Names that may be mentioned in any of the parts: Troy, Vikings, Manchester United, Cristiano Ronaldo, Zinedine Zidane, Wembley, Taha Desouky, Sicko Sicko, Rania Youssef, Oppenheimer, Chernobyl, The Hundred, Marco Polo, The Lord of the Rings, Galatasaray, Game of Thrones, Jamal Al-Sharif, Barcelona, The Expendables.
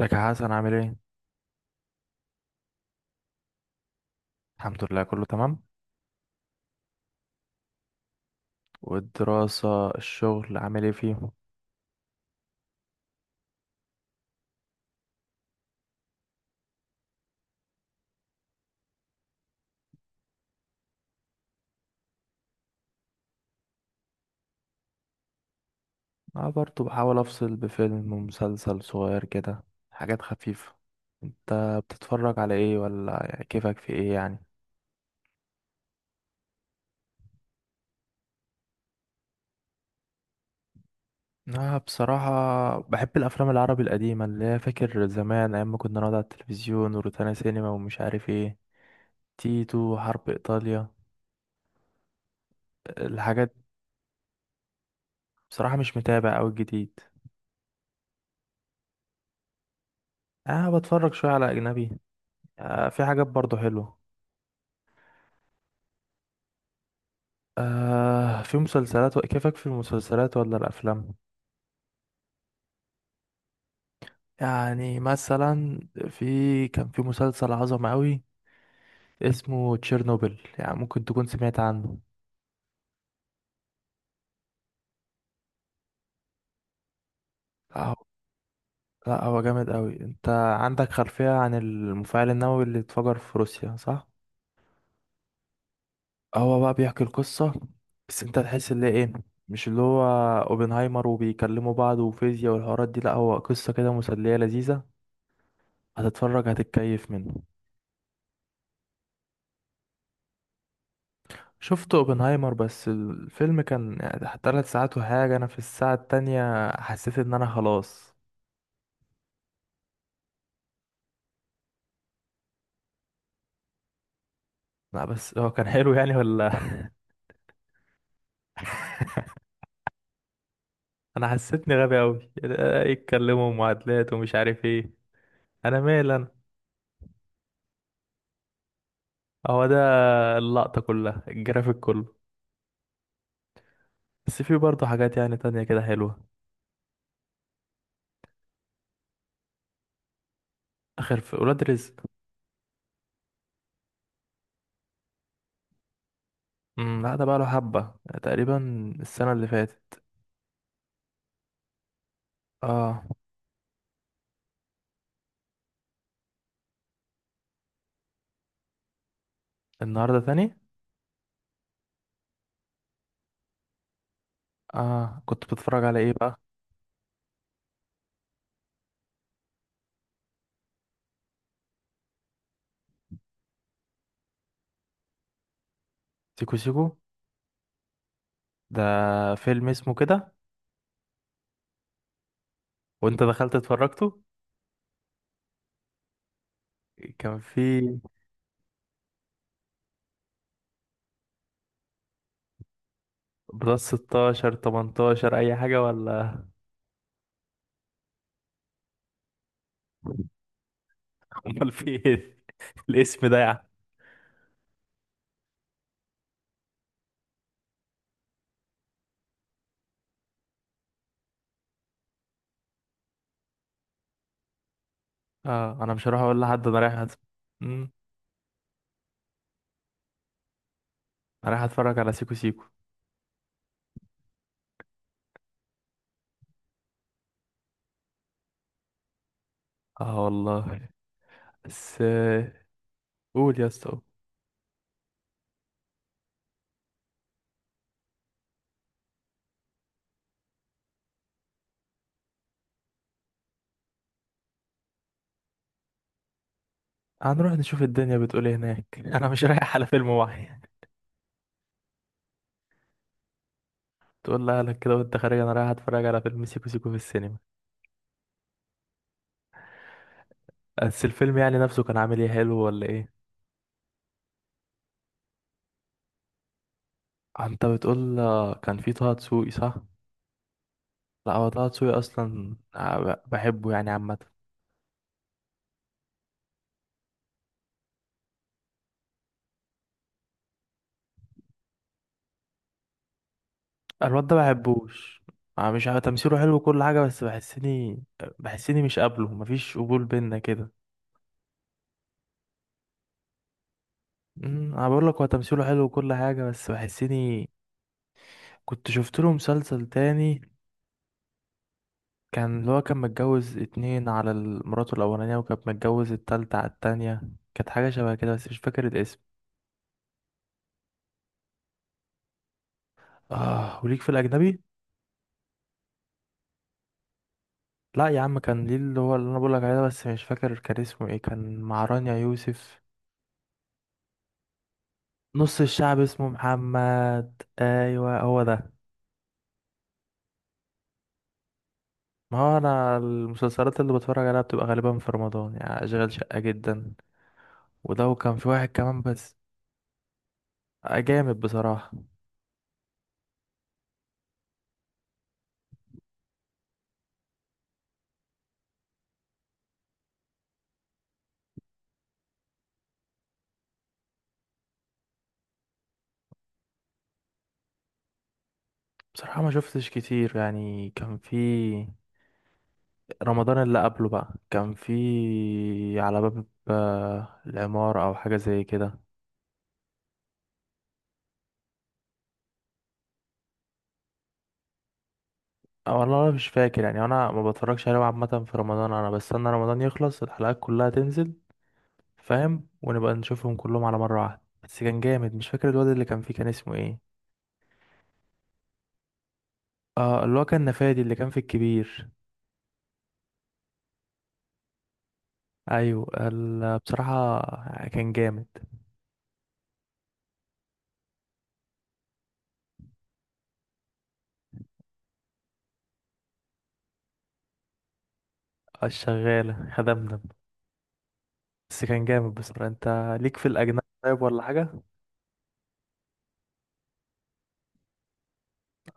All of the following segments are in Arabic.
ازيك يا حسن، عامل ايه؟ الحمد لله كله تمام. والدراسة الشغل عامل ايه فيهم؟ أنا برضه بحاول أفصل بفيلم ومسلسل صغير كده، حاجات خفيفة. انت بتتفرج على ايه ولا كيفك في ايه يعني؟ أنا بصراحة بحب الأفلام العربي القديمة اللي هي فاكر زمان أيام ما كنا نقعد على التلفزيون وروتانا سينما ومش عارف ايه، تيتو، حرب إيطاليا، الحاجات. بصراحة مش متابع أوي الجديد. أنا بتفرج شوية على أجنبي. آه، في حاجات برضه حلوة. آه، في مسلسلات. كيفك في المسلسلات ولا الأفلام؟ يعني مثلا كان في مسلسل عظمة أوي اسمه تشيرنوبل، يعني ممكن تكون سمعت عنه. لا هو لا هو جامد أوي. أنت عندك خلفية عن المفاعل النووي اللي اتفجر في روسيا، صح؟ هو بقى بيحكي القصة، بس أنت تحس اللي إيه، مش اللي هو اوبنهايمر وبيكلموا بعض وفيزياء والحوارات دي. لا هو قصة كده مسلية لذيذة، هتتفرج هتتكيف منه. شفت اوبنهايمر بس الفيلم كان يعني 3 ساعات وحاجة، انا في الساعة التانية حسيت ان انا خلاص. لا بس هو كان حلو يعني ولا؟ انا حسيتني غبي اوي، يتكلموا معادلات ومش عارف ايه، انا مال انا. هو ده، اللقطة كلها، الجرافيك كله. بس في برضه حاجات يعني تانية كده حلوة. اخر في ولاد رزق. لا ده بقى له حبة، تقريبا السنة اللي فاتت. اه. النهاردة تاني. اه، كنت بتتفرج على ايه بقى؟ سيكو سيكو؟ ده فيلم اسمه كده؟ وانت دخلت اتفرجته؟ كان في بلس 16 18 اي حاجة ولا؟ امال في ايه الاسم ده يعني؟ اه انا مش هروح اقول لحد انا رايح مم. انا رايح اتفرج على سيكو سيكو. اه والله. بس قول يا اسطى قول. هنروح نشوف الدنيا بتقول ايه هناك. انا مش رايح على فيلم واحد. تقول لأهلك كده وانت خارج انا رايح اتفرج على فيلم سيكو سيكو في السينما. بس الفيلم يعني نفسه كان عامل ايه، حلو ولا ايه؟ انت بتقول كان في طه دسوقي صح؟ لا هو طه دسوقي اصلا بحبه يعني عامه. الواد ده بحبوش. آه، مش عارف، تمثيله حلو وكل حاجه بس بحسني. بحسني مش قابله، مفيش قبول بينا كده. انا بقول لك هو تمثيله حلو وكل حاجه بس بحسني. كنت شفت له مسلسل تاني كان اللي هو كان متجوز اتنين على مراته الاولانيه وكان متجوز التالتة على التانية. كانت حاجه شبه كده بس مش فاكر الاسم. اه وليك في الاجنبي؟ لا يا عم، كان ليه، اللي هو اللي انا بقول لك عليه ده بس مش فاكر كان اسمه ايه، كان مع رانيا يوسف. نص الشعب اسمه محمد، ايوه هو ده. ما هو انا المسلسلات اللي بتفرج عليها بتبقى غالبا في رمضان، يعني اشغال شقة جدا. وده، وكان في واحد كمان بس. آه، جامد بصراحة. بصراحة ما شفتش كتير، يعني كان في رمضان اللي قبله بقى كان في على باب العمارة او حاجة زي كده. أو والله أنا مش فاكر يعني، انا ما بتفرجش عليه عامة في رمضان، انا بستنى رمضان يخلص الحلقات كلها تنزل، فاهم، ونبقى نشوفهم كلهم على مرة واحدة. بس كان جامد، مش فاكر الواد اللي كان فيه كان اسمه ايه. اه، اللي هو كان نفادي اللي كان في الكبير. ايوه بصراحة كان جامد. الشغالة خدمنا. بس كان جامد بصراحة. انت ليك في الأجنبي طيب ولا حاجة؟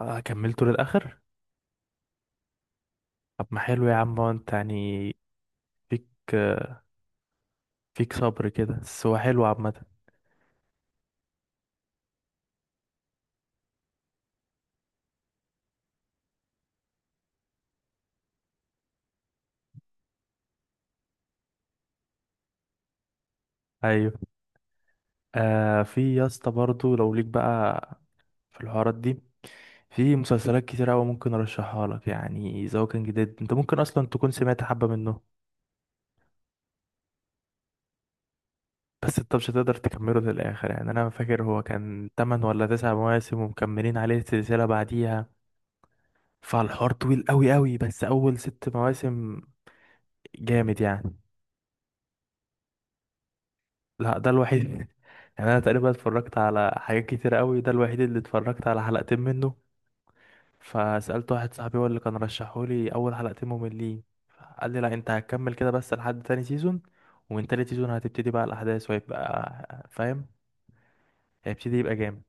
آه كملته للآخر. طب ما حلو يا عم، هو انت يعني فيك فيك صبر كده، بس هو حلو عامة. ايوه. آه في يا اسطى برضه لو ليك بقى في الحوارات دي، في مسلسلات كتير أوي ممكن أرشحها لك، يعني إذا هو كان جديد أنت ممكن أصلا تكون سمعت حبة منه. بس أنت مش هتقدر تكمله للآخر، يعني أنا فاكر هو كان تمن ولا تسع مواسم ومكملين عليه سلسلة بعديها، فالحوار طويل أوي أوي، بس أول 6 مواسم جامد يعني. لا ده الوحيد. يعني أنا تقريبا اتفرجت على حاجات كتير أوي، ده الوحيد اللي اتفرجت على حلقتين منه، فسألت واحد صاحبي هو اللي كان رشحهولي، أول حلقتين مملين. قال لي لا أنت هتكمل كده بس لحد تاني سيزون، ومن تالت سيزون هتبتدي بقى الأحداث وهيبقى فاهم هيبتدي يبقى جامد.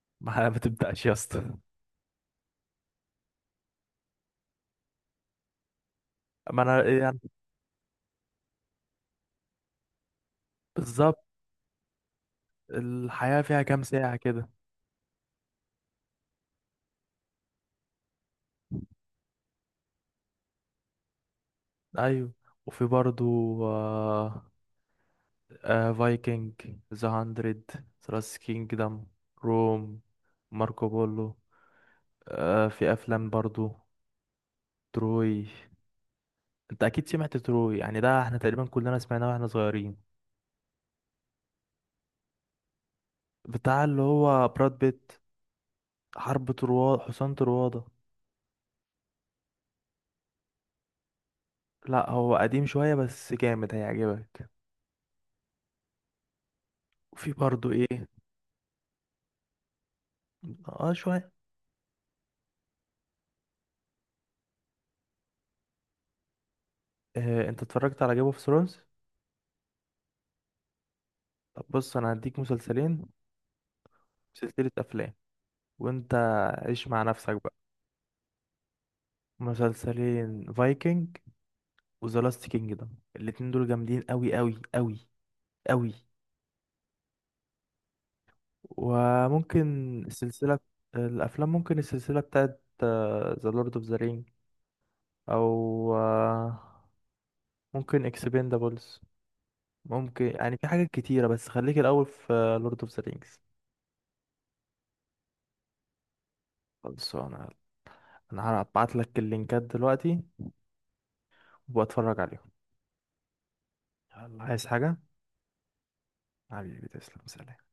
ما تبدأش يا اسطى. ما أنا يعني، بالظبط، الحياة فيها كام ساعة كده؟ أيوه. وفي برضو فايكنج، ذا هاندرد، ثلاث كينجدم، روم، ماركو بولو. في أفلام برضو، تروي. انت اكيد سمعت تروي، يعني ده احنا تقريبا كلنا سمعناه واحنا صغيرين، بتاع اللي هو براد بيت، حرب طروادة، حصان طروادة. لا هو قديم شوية بس جامد هيعجبك. وفي برضو ايه، اه شوية. اه انت اتفرجت على جيم اوف ثرونز؟ طب بص، انا هديك مسلسلين، سلسلة افلام، وانت عيش مع نفسك بقى. مسلسلين: فايكنج وذا لاست كينجدم، الاتنين دول جامدين قوي قوي قوي قوي. وممكن السلسلة، الأفلام، ممكن السلسلة بتاعت ذا لورد اوف ذا رينج، أو ممكن اكسبندابلز، ممكن يعني في حاجات كتيرة بس خليك الأول في لورد اوف ذا رينجز. خلاص. أنا هبعت لك اللينكات دلوقتي وأتفرج عليهم. يلا عايز حاجة؟ حبيبي تسلم سلام.